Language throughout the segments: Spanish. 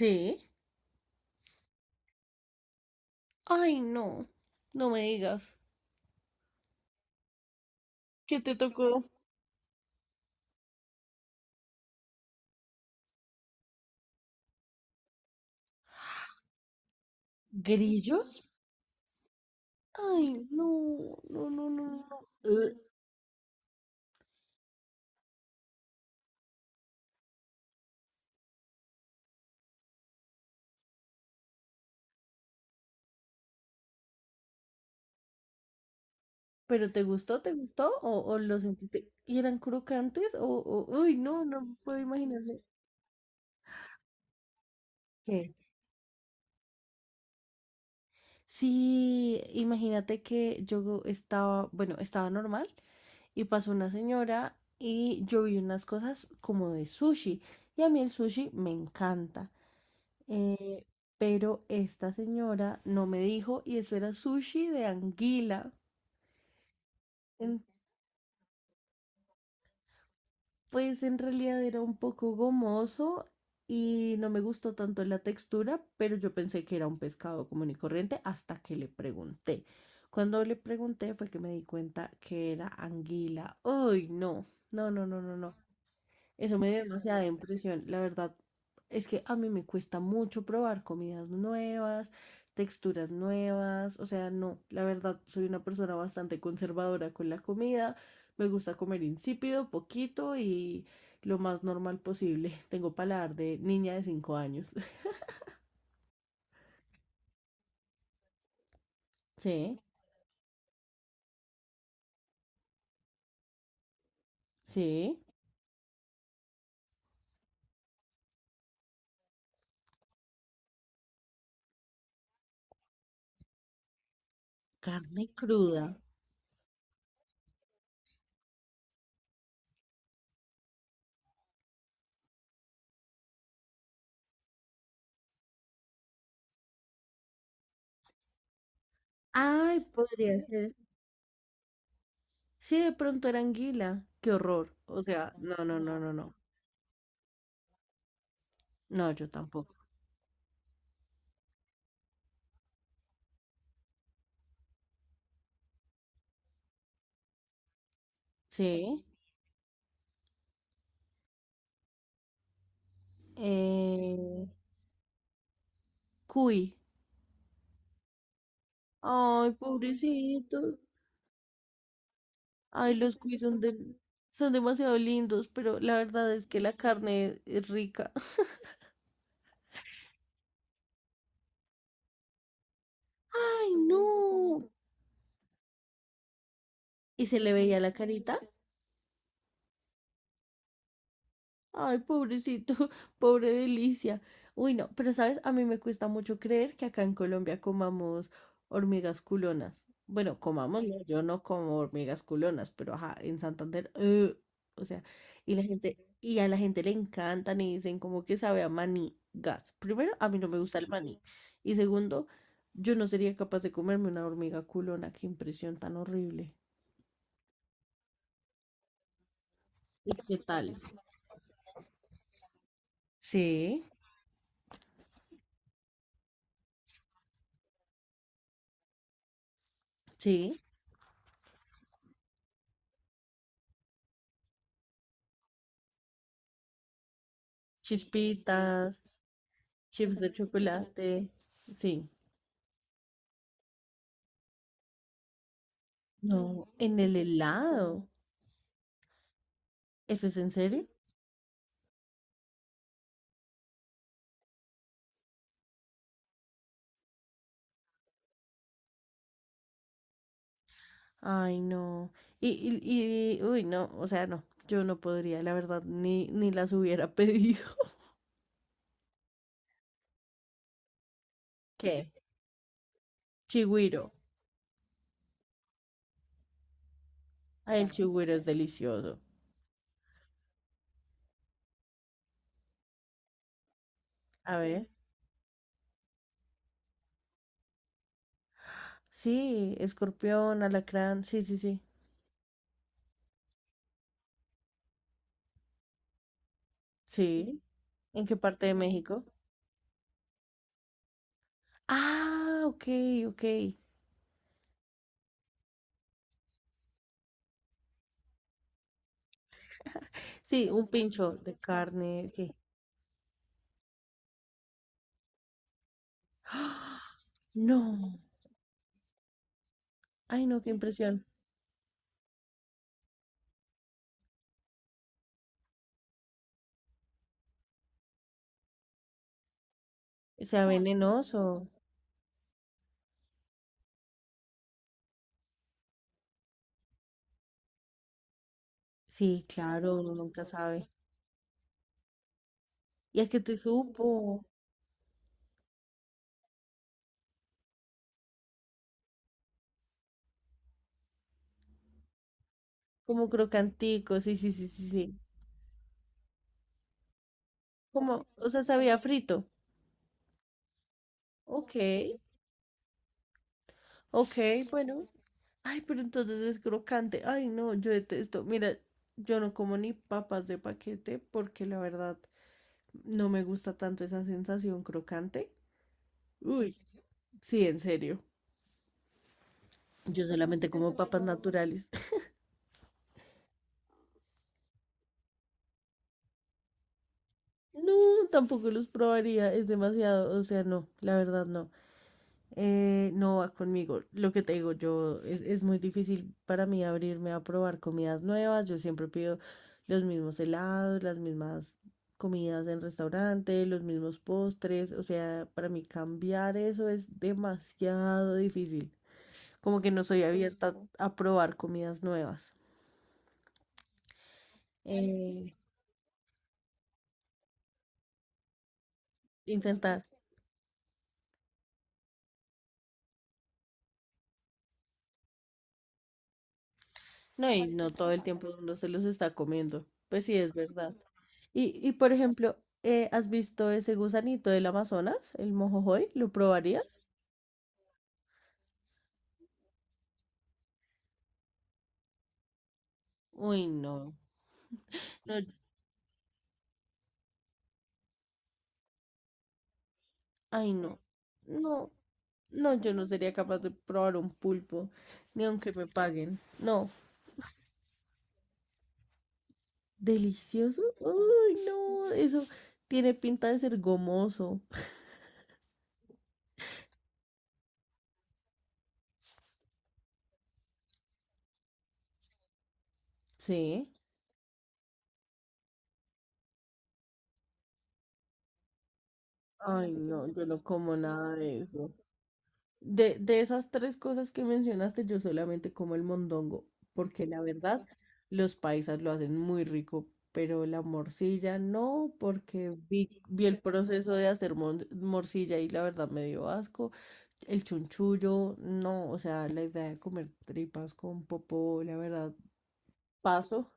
Sí. Ay, no. No me digas. ¿Qué te tocó? ¿Grillos? Ay, no, no, no, no, no. Ugh. ¿Pero te gustó? ¿Te gustó? O lo sentiste? ¿Y eran crocantes? Uy, no, no puedo imaginarme. ¿Qué? Sí, imagínate que yo estaba, bueno, estaba normal y pasó una señora y yo vi unas cosas como de sushi y a mí el sushi me encanta. Eh, pero esta señora no me dijo y eso era sushi de anguila. En- Pues en realidad era un poco gomoso y no me gustó tanto la textura, pero yo pensé que era un pescado común y corriente hasta que le pregunté. Cuando le pregunté fue que me di cuenta que era anguila. Uy, no, no, no, no, no, no. Eso me dio demasiada impresión. La verdad es que a mí me cuesta mucho probar comidas nuevas, texturas nuevas. O sea, no, la verdad soy una persona bastante conservadora con la comida. Me gusta comer insípido, poquito y lo más normal posible. Tengo paladar de niña de 5 años. Sí, sí. Carne cruda. Ay, podría ser. Sí, de pronto era anguila. Qué horror. O sea, no, no, no, no, no. No, yo tampoco. Sí. Eh, cuy. Ay, pobrecitos. Ay, los cuy son de, Son demasiado lindos, pero la verdad es que la carne es rica. Ay, no. Y se le veía la carita. Ay, pobrecito, pobre delicia. Uy, no, pero sabes, a mí me cuesta mucho creer que acá en Colombia comamos hormigas culonas. Bueno, comamos, no, yo no como hormigas culonas, pero ajá, en Santander, o sea, y a la gente le encantan y dicen como que sabe a maní, gas. Primero, a mí no me gusta el maní. Y segundo, yo no sería capaz de comerme una hormiga culona, qué impresión tan horrible. ¿Y qué tal? Sí, sí, chispitas. Chips de chocolate, sí. No, en el helado. ¿Eso es en serio? Ay, no. Y, uy, no, o sea, no, yo no podría, la verdad, ni las hubiera pedido. ¿Qué? Chigüiro. Ay, el chigüiro es delicioso. A ver. Sí, escorpión, alacrán, sí, sí, sí. Sí. ¿En qué parte de México? Ah, ok, ok. Sí, un pincho de carne, sí. ¡Ah! No. Ay, no, qué impresión. Sea venenoso. Sí, claro, uno nunca sabe. Y es que te supo, como crocantico, sí, sí, sí, sí, sí. Como, o sea, sabía frito. Ok, ok, bueno. Ay, pero entonces es crocante. Ay, no, yo detesto. Mira, yo no como ni papas de paquete porque la verdad no me gusta tanto esa sensación crocante. Uy, sí, en serio. Yo solamente como papas naturales. No, tampoco los probaría, es demasiado, o sea, no, la verdad no. No va conmigo. Lo que te digo, es muy difícil para mí abrirme a probar comidas nuevas. Yo siempre pido los mismos helados, las mismas comidas en restaurante, los mismos postres. O sea, para mí cambiar eso es demasiado difícil. Como que no soy abierta a probar comidas nuevas. Eh, intentar. No, y no todo el tiempo uno se los está comiendo. Pues sí, es verdad. Y por ejemplo, ¿has visto ese gusanito del Amazonas, el mojojoy? ¿Lo probarías? Uy, no. No, ay, no. No, no, yo no sería capaz de probar un pulpo, ni aunque me paguen. No, delicioso. Uy, no, eso tiene pinta de ser gomoso. Sí. Ay, no, yo no como nada de eso. De esas tres cosas que mencionaste, yo solamente como el mondongo, porque la verdad, los paisas lo hacen muy rico, pero la morcilla no, porque vi el proceso de hacer morcilla y la verdad me dio asco. El chunchullo, no, o sea, la idea de comer tripas con popó, la verdad, paso.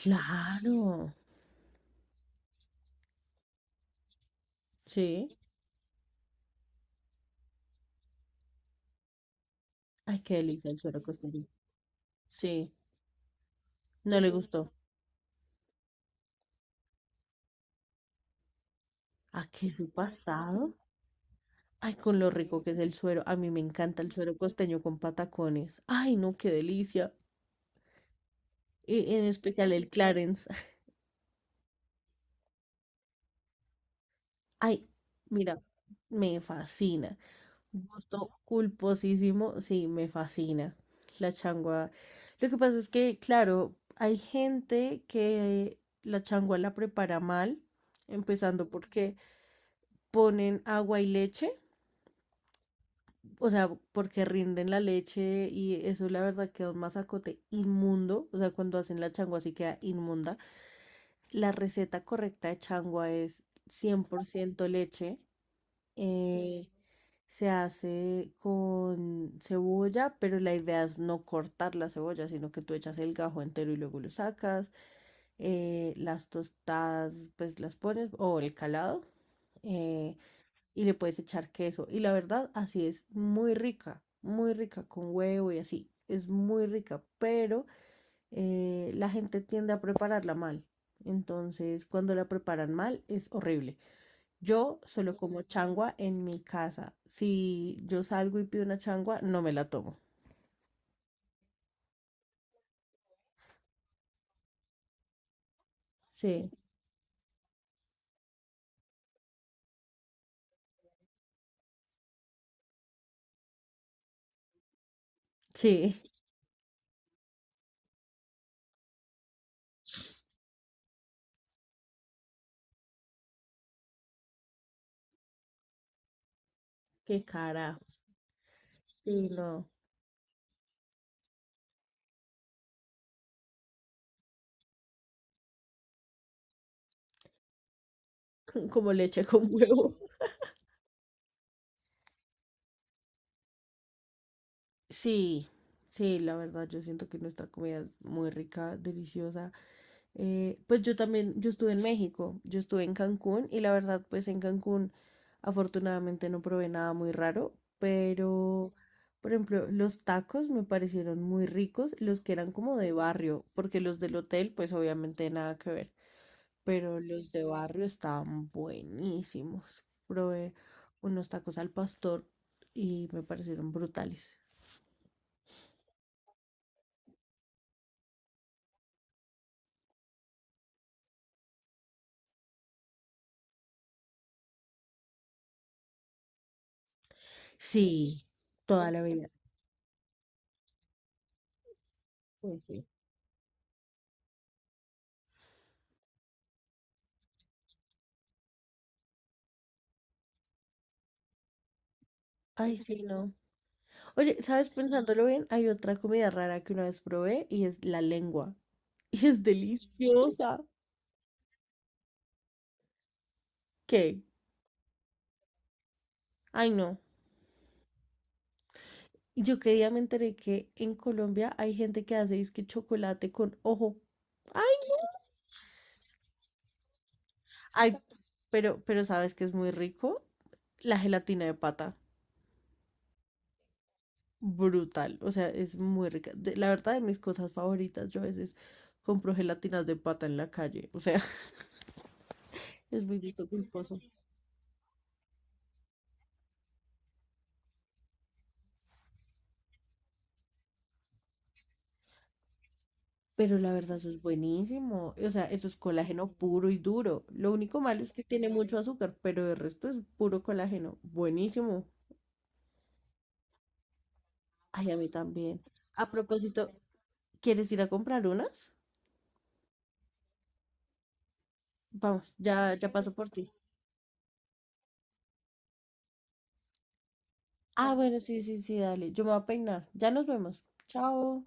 Claro, sí. Ay, qué delicia el suero costeño. Sí, no le gustó. ¿A qué su pasado? Ay, con lo rico que es el suero. A mí me encanta el suero costeño con patacones. Ay, no, qué delicia. En especial el Clarence. Ay, mira, me fascina. Gusto culposísimo, sí, me fascina. La changua. Lo que pasa es que, claro, hay gente que la changua la prepara mal, empezando porque ponen agua y leche. O sea, porque rinden la leche y eso la verdad queda un masacote inmundo, o sea, cuando hacen la changua sí queda inmunda. La receta correcta de changua es 100% leche, eh, se hace con cebolla, pero la idea es no cortar la cebolla, sino que tú echas el gajo entero y luego lo sacas. Las tostadas, pues las pones, o el calado. eh, y le puedes echar queso. Y la verdad, así es muy rica con huevo y así. Es muy rica, pero la gente tiende a prepararla mal. Entonces, cuando la preparan mal, es horrible. Yo solo como changua en mi casa. Si yo salgo y pido una changua, no me la tomo. Sí, sí, qué carajo. Sí, no. Como leche con huevo. Sí, sí, la verdad, yo siento que nuestra comida es muy rica, deliciosa. Pues yo también, yo estuve en México, yo estuve en Cancún y la verdad, pues en Cancún afortunadamente no probé nada muy raro, pero por ejemplo, los tacos me parecieron muy ricos, los que eran como de barrio, porque los del hotel, pues obviamente nada que ver, pero los de barrio estaban buenísimos. Probé unos tacos al pastor y me parecieron brutales. Sí, toda la vida. Sí, sí. Ay, sí, no. Oye, ¿sabes? Pensándolo bien, hay otra comida rara que una vez probé y es la lengua. Y es deliciosa. ¿Qué? Ay, no. Yo que día me enteré que en Colombia hay gente que hace es chocolate con ojo. Ay, ay, pero, ¿sabes que es muy rico? La gelatina de pata. Brutal. O sea, es muy rica. La verdad, de mis cosas favoritas, yo a veces compro gelatinas de pata en la calle. O sea, es muy rico, culposo. Pero la verdad, eso es buenísimo. O sea, eso es colágeno puro y duro. Lo único malo es que tiene mucho azúcar, pero el resto es puro colágeno. Buenísimo. Ay, a mí también. A propósito, ¿quieres ir a comprar unas? Vamos, ya, ya paso por ti. Ah, bueno, sí, sí, sí, dale. Yo me voy a peinar. Ya nos vemos. Chao.